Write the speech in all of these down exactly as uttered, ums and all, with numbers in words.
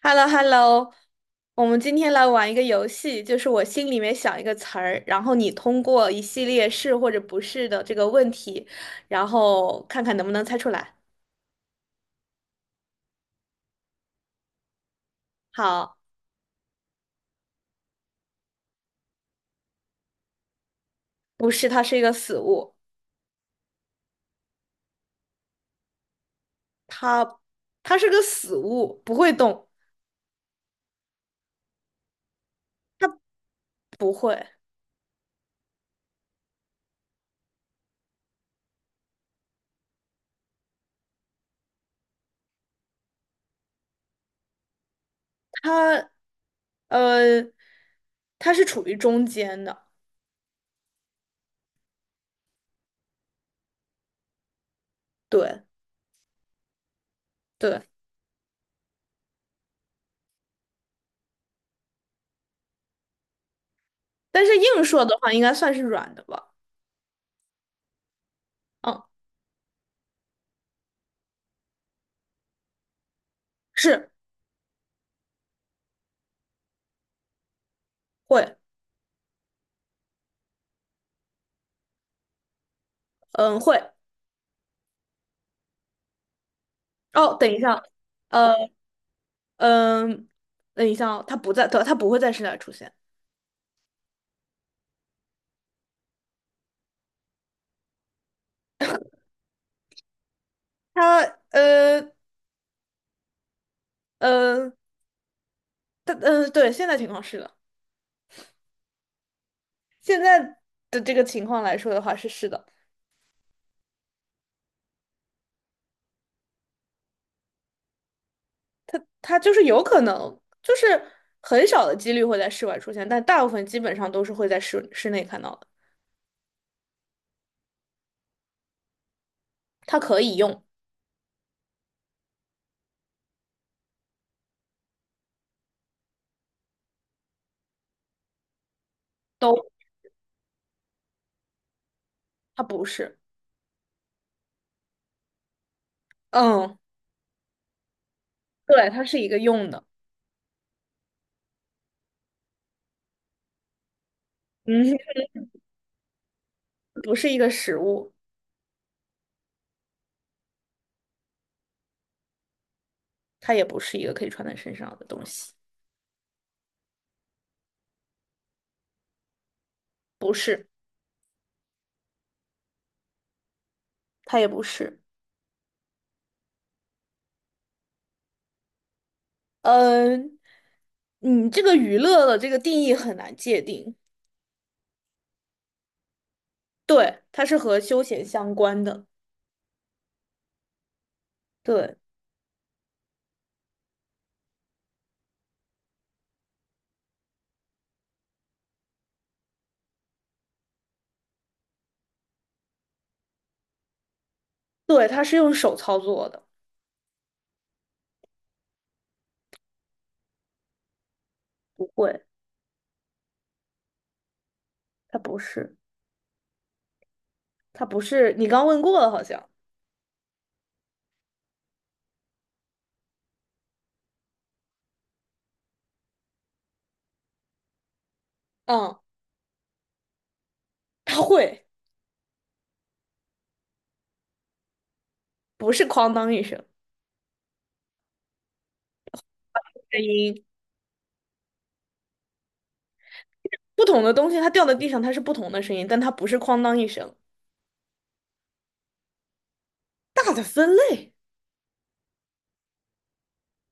h e l l o h e l l o 我们今天来玩一个游戏，就是我心里面想一个词儿，然后你通过一系列是或者不是的这个问题，然后看看能不能猜出来。好，不是，它是一个死物，它它是个死物，不会动，它不会，它呃，它是处于中间的，对对，但是硬说的话，应该算是软的吧？嗯，是会，嗯会。哦，等一下。呃，嗯，等一下哦，它不在，它它不会在室外出现。它呃呃，它嗯，对，现在情况是的，现在的这个情况来说的话是是的，它就是有可能，就是很少的几率会在室外出现，但大部分基本上都是会在室室内看到的。它可以用，都，它不是，嗯，对，它是一个用的，嗯，不是一个食物，它也不是一个可以穿在身上的东西，不是，它也不是。呃嗯，你这个娱乐的这个定义很难界定。对，它是和休闲相关的。对，对，它是用手操作的。不会，它不是，它不是。你刚问过了，好像。嗯，它会，不是哐当一声声音。不同的东西，它掉在地上，它是不同的声音，但它不是哐当一声。大的分类。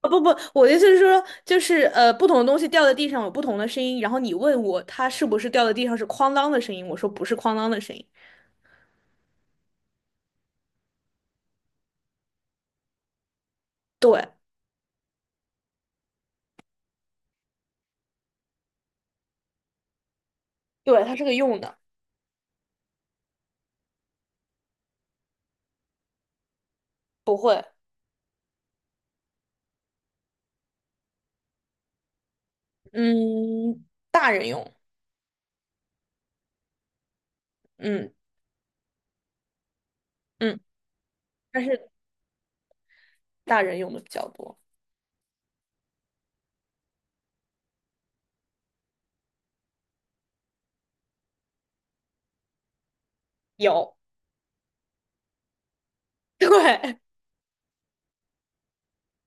啊不不，我的意思是说，就是呃，不同的东西掉在地上有不同的声音，然后你问我它是不是掉在地上是哐当的声音，我说不是哐当的声音。对，对，它是个用的，不会，嗯，大人用，嗯嗯，但是大人用的比较多。有，对，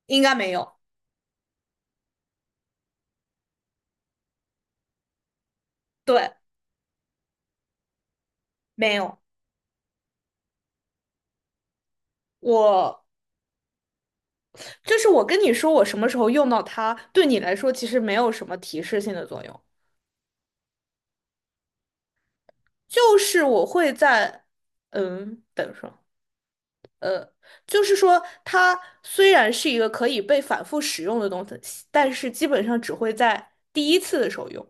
应该没有，对，没有。我就是我跟你说，我什么时候用到它，对你来说其实没有什么提示性的作用，就是我会在，嗯，等说，就是说它虽然是一个可以被反复使用的东西，但是基本上只会在第一次的时候用。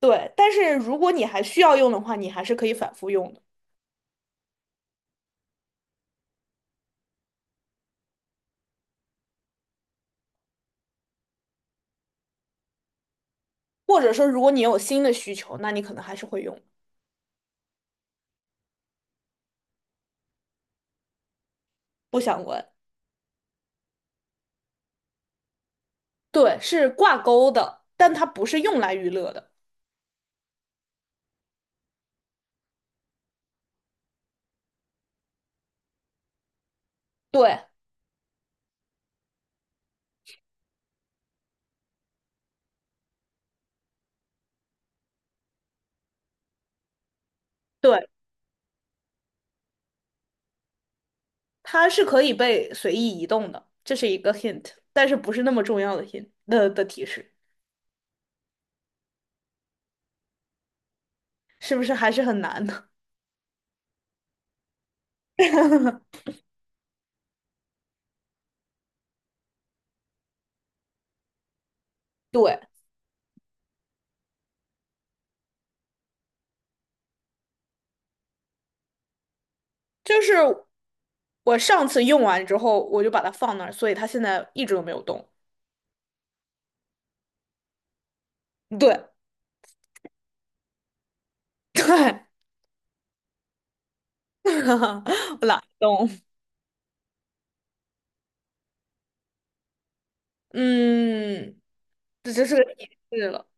对，但是如果你还需要用的话，你还是可以反复用的，或者说如果你有新的需求，那你可能还是会用，不相关。对，是挂钩的，但它不是用来娱乐的。对，对，它是可以被随意移动的，这是一个 hint，但是不是那么重要的 hint 的的提示，是不是还是很难的？对，就是我上次用完之后，我就把它放那儿，所以它现在一直都没有动。对，对，我懒得动。嗯，这就是个提示了，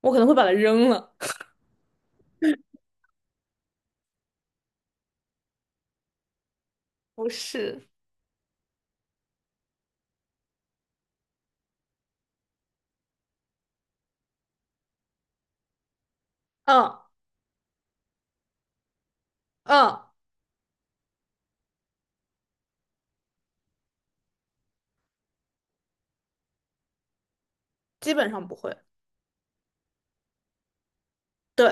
我可能会把它扔了。不是，嗯嗯，基本上不会，对，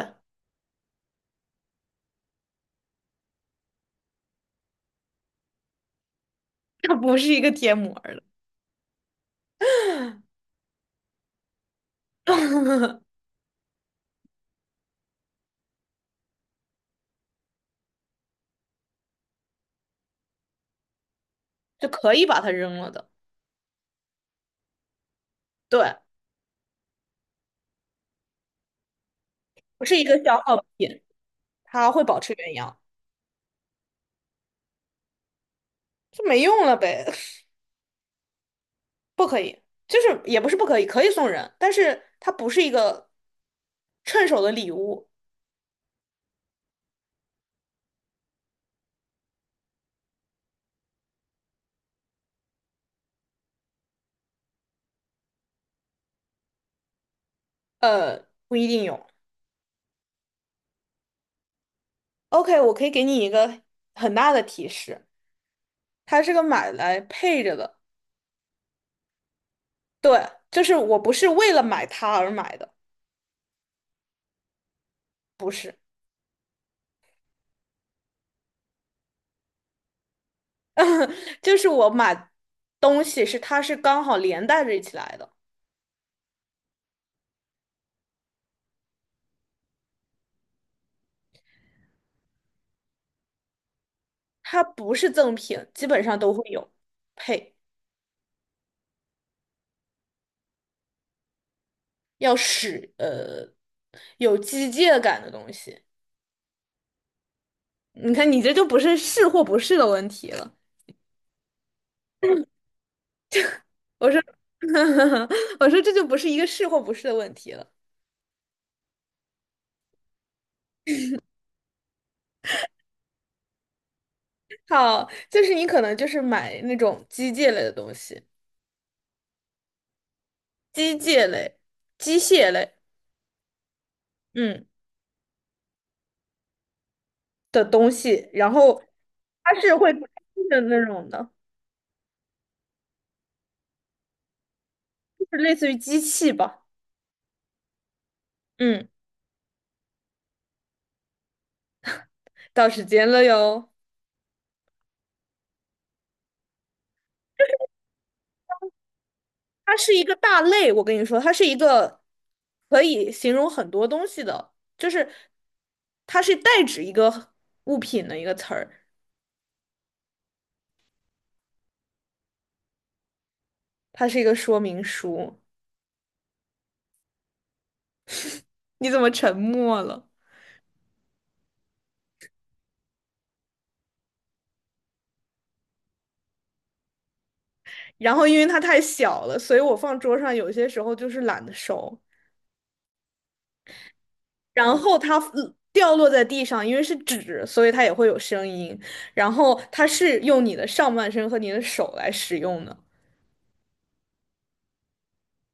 它不是一个贴膜儿了。就可以把它扔了的，对，不是一个消耗品，它会保持原样，就没用了呗，不可以，就是也不是不可以，可以送人，但是它不是一个趁手的礼物，呃，不一定有。OK，我可以给你一个很大的提示，它是个买来配着的。对，就是我不是为了买它而买的，不是，就是我买东西是它是刚好连带着一起来的，它不是赠品，基本上都会有配，要使呃有机械感的东西。你看，你这就不是是或不是的问题了。我说，我说这就不是一个是或不是的问题了。好，就是你可能就是买那种机械类的东西，机械类、机械类，嗯。的东西，然后它是会不开心的那种的，就是类似于机器吧。嗯，到时间了哟。它是一个大类，我跟你说，它是一个可以形容很多东西的，就是它是代指一个物品的一个词儿，它是一个说明书。你怎么沉默了？然后因为它太小了，所以我放桌上有些时候就是懒得收。然后它嗯掉落在地上，因为是纸，所以它也会有声音。然后它是用你的上半身和你的手来使用的，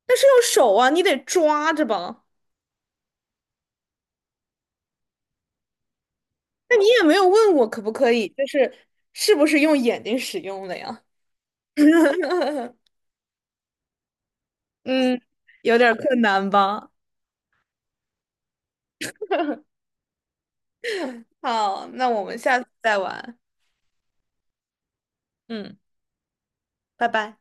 但是用手啊，你得抓着吧。那你也没有问我可不可以，就是是不是用眼睛使用的呀？嗯，有点困难吧。好，那我们下次再玩。嗯，拜拜。